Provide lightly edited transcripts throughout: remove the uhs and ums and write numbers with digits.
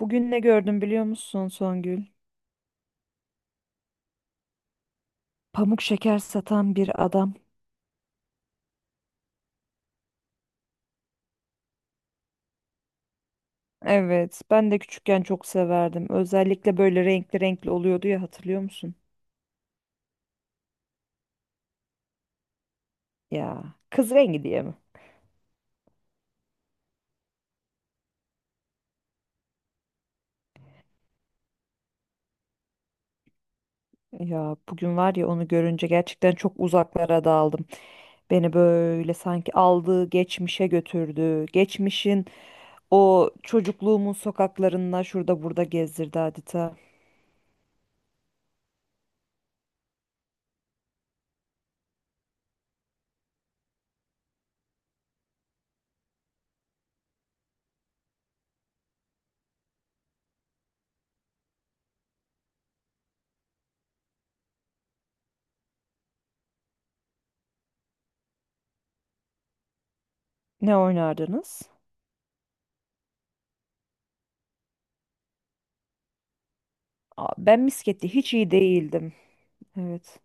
Bugün ne gördüm biliyor musun, Songül? Pamuk şeker satan bir adam. Evet, ben de küçükken çok severdim. Özellikle böyle renkli renkli oluyordu ya, hatırlıyor musun? Ya kız rengi diye mi? Ya bugün var ya, onu görünce gerçekten çok uzaklara daldım. Beni böyle sanki aldığı geçmişe götürdü. Geçmişin o çocukluğumun sokaklarında şurada burada gezdirdi adeta. Ne oynardınız? Aa, ben misketi hiç iyi değildim. Evet.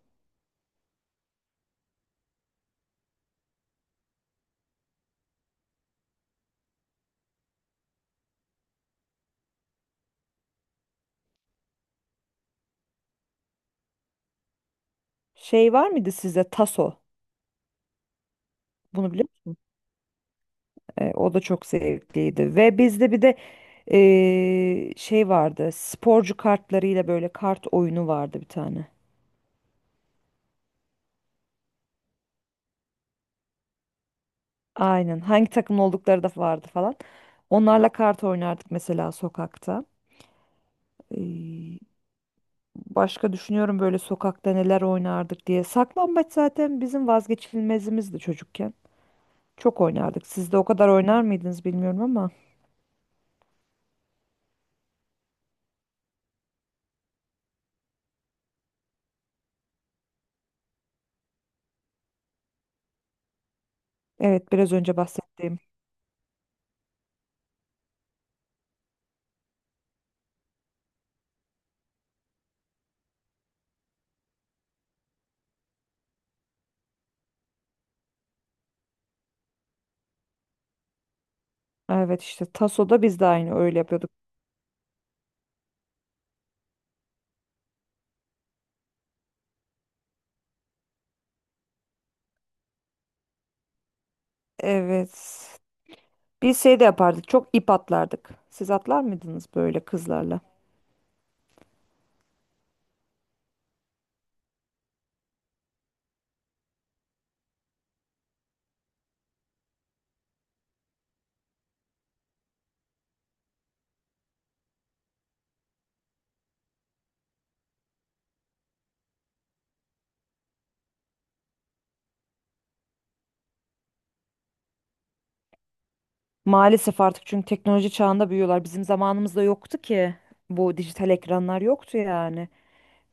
Şey var mıydı sizde, taso? Bunu biliyor musun? O da çok zevkliydi. Ve bizde bir de şey vardı. Sporcu kartlarıyla böyle kart oyunu vardı bir tane. Aynen. Hangi takım oldukları da vardı falan. Onlarla kart oynardık mesela sokakta. E, Başka düşünüyorum böyle sokakta neler oynardık diye. Saklambaç zaten bizim vazgeçilmezimizdi çocukken. Çok oynardık. Siz de o kadar oynar mıydınız bilmiyorum ama. Evet, biraz önce bahsettiğim. Evet, işte tasoda biz de aynı öyle yapıyorduk. Evet. Biz şey de yapardık. Çok ip atlardık. Siz atlar mıydınız böyle kızlarla? Maalesef artık, çünkü teknoloji çağında büyüyorlar. Bizim zamanımızda yoktu ki. Bu dijital ekranlar yoktu yani.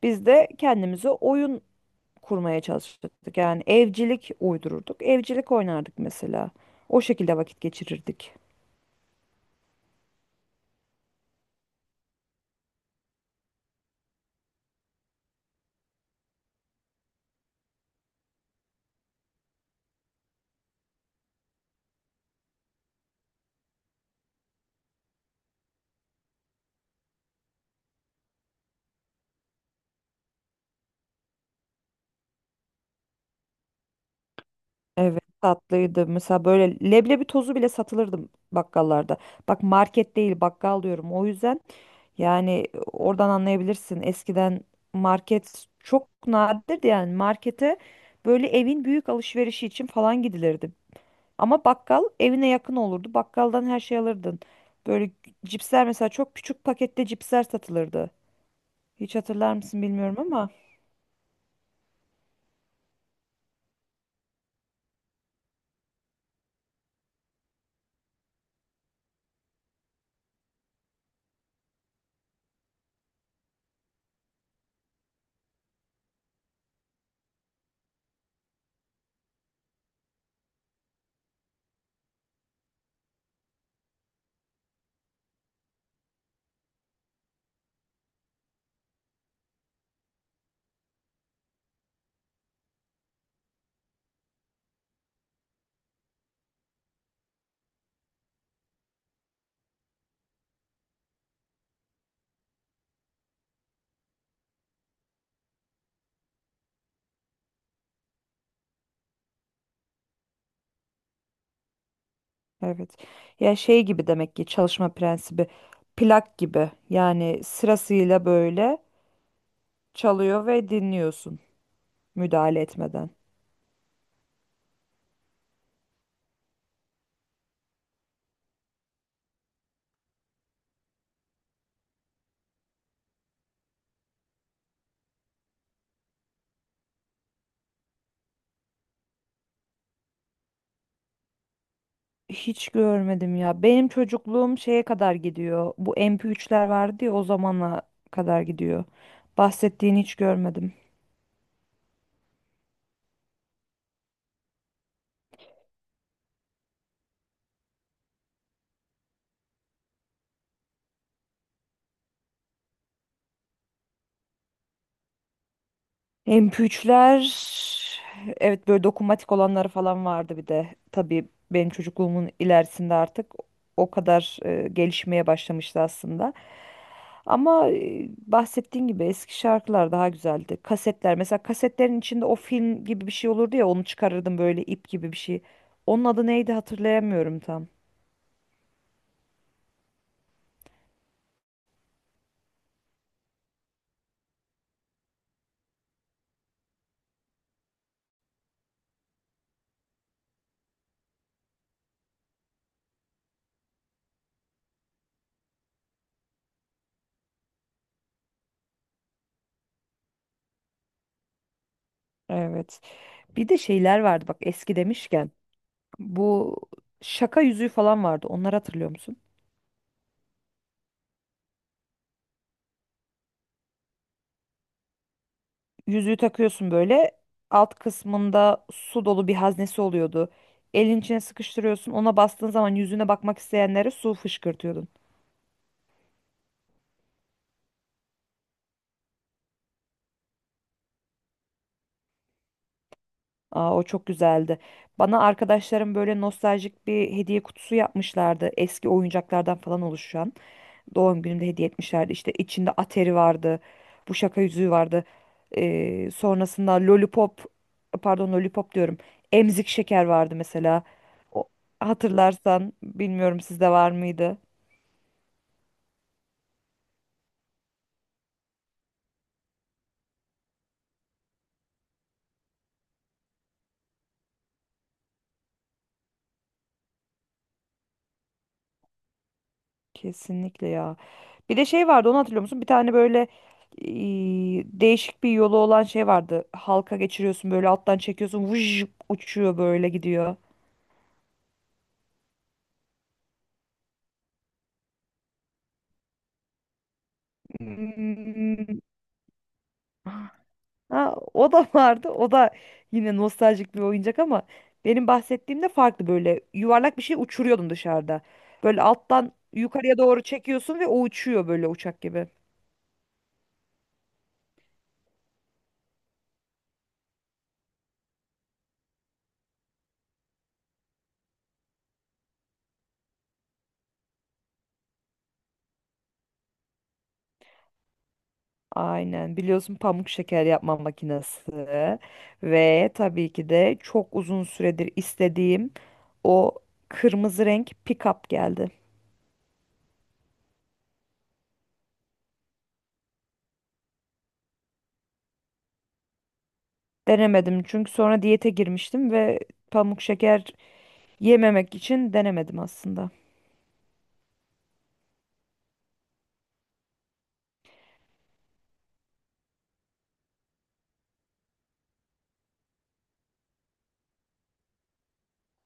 Biz de kendimize oyun kurmaya çalışırdık. Yani evcilik uydururduk. Evcilik oynardık mesela. O şekilde vakit geçirirdik. Evet, tatlıydı. Mesela böyle leblebi tozu bile satılırdı bakkallarda. Bak, market değil, bakkal diyorum. O yüzden, yani oradan anlayabilirsin. Eskiden market çok nadirdi, yani markete böyle evin büyük alışverişi için falan gidilirdi. Ama bakkal evine yakın olurdu. Bakkaldan her şey alırdın. Böyle cipsler mesela, çok küçük pakette cipsler satılırdı. Hiç hatırlar mısın bilmiyorum ama evet. Ya şey gibi, demek ki çalışma prensibi plak gibi. Yani sırasıyla böyle çalıyor ve dinliyorsun, müdahale etmeden. Hiç görmedim ya. Benim çocukluğum şeye kadar gidiyor. Bu MP3'ler vardı ya, o zamana kadar gidiyor. Bahsettiğini hiç görmedim. MP3'ler, evet, böyle dokunmatik olanları falan vardı bir de. Tabii benim çocukluğumun ilerisinde artık o kadar gelişmeye başlamıştı aslında. Ama bahsettiğin gibi eski şarkılar daha güzeldi. Kasetler mesela, kasetlerin içinde o film gibi bir şey olurdu ya, onu çıkarırdım böyle ip gibi bir şey. Onun adı neydi, hatırlayamıyorum tam. Evet. Bir de şeyler vardı, bak, eski demişken. Bu şaka yüzüğü falan vardı. Onları hatırlıyor musun? Yüzüğü takıyorsun böyle. Alt kısmında su dolu bir haznesi oluyordu. Elin içine sıkıştırıyorsun. Ona bastığın zaman yüzüne bakmak isteyenlere su fışkırtıyordun. Aa, o çok güzeldi. Bana arkadaşlarım böyle nostaljik bir hediye kutusu yapmışlardı. Eski oyuncaklardan falan oluşan. Doğum günümde hediye etmişlerdi. İşte içinde Atari vardı. Bu şaka yüzüğü vardı. Sonrasında Lollipop, pardon, Lollipop diyorum. Emzik şeker vardı mesela. O, hatırlarsan bilmiyorum, sizde var mıydı? Kesinlikle ya. Bir de şey vardı, onu hatırlıyor musun? Bir tane böyle e, değişik bir yolu olan şey vardı. Halka geçiriyorsun böyle, alttan çekiyorsun. Vuj, uçuyor böyle gidiyor. Hmm. Ha, o da vardı. O da yine nostaljik bir oyuncak ama benim bahsettiğimde farklı, böyle yuvarlak bir şey uçuruyordun dışarıda. Böyle alttan yukarıya doğru çekiyorsun ve o uçuyor böyle uçak gibi. Aynen, biliyorsun, pamuk şeker yapma makinesi ve tabii ki de çok uzun süredir istediğim o kırmızı renk pick-up geldi. Denemedim çünkü sonra diyete girmiştim ve pamuk şeker yememek için denemedim aslında.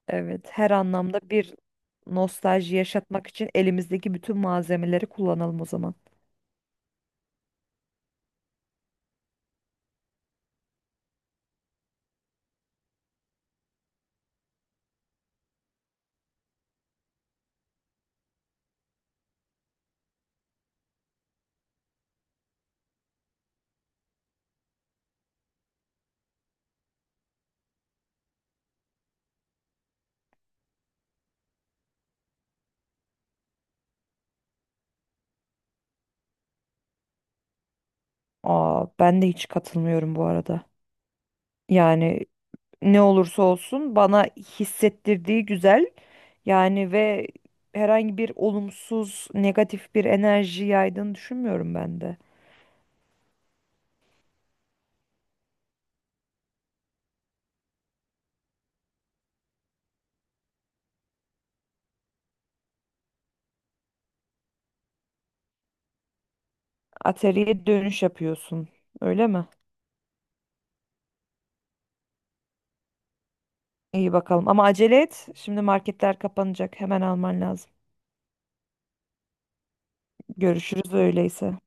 Evet, her anlamda bir nostalji yaşatmak için elimizdeki bütün malzemeleri kullanalım o zaman. Aa, ben de hiç katılmıyorum bu arada. Yani ne olursa olsun bana hissettirdiği güzel. Yani ve herhangi bir olumsuz, negatif bir enerji yaydığını düşünmüyorum ben de. Ateliye dönüş yapıyorsun. Öyle mi? İyi bakalım. Ama acele et. Şimdi marketler kapanacak. Hemen alman lazım. Görüşürüz öyleyse.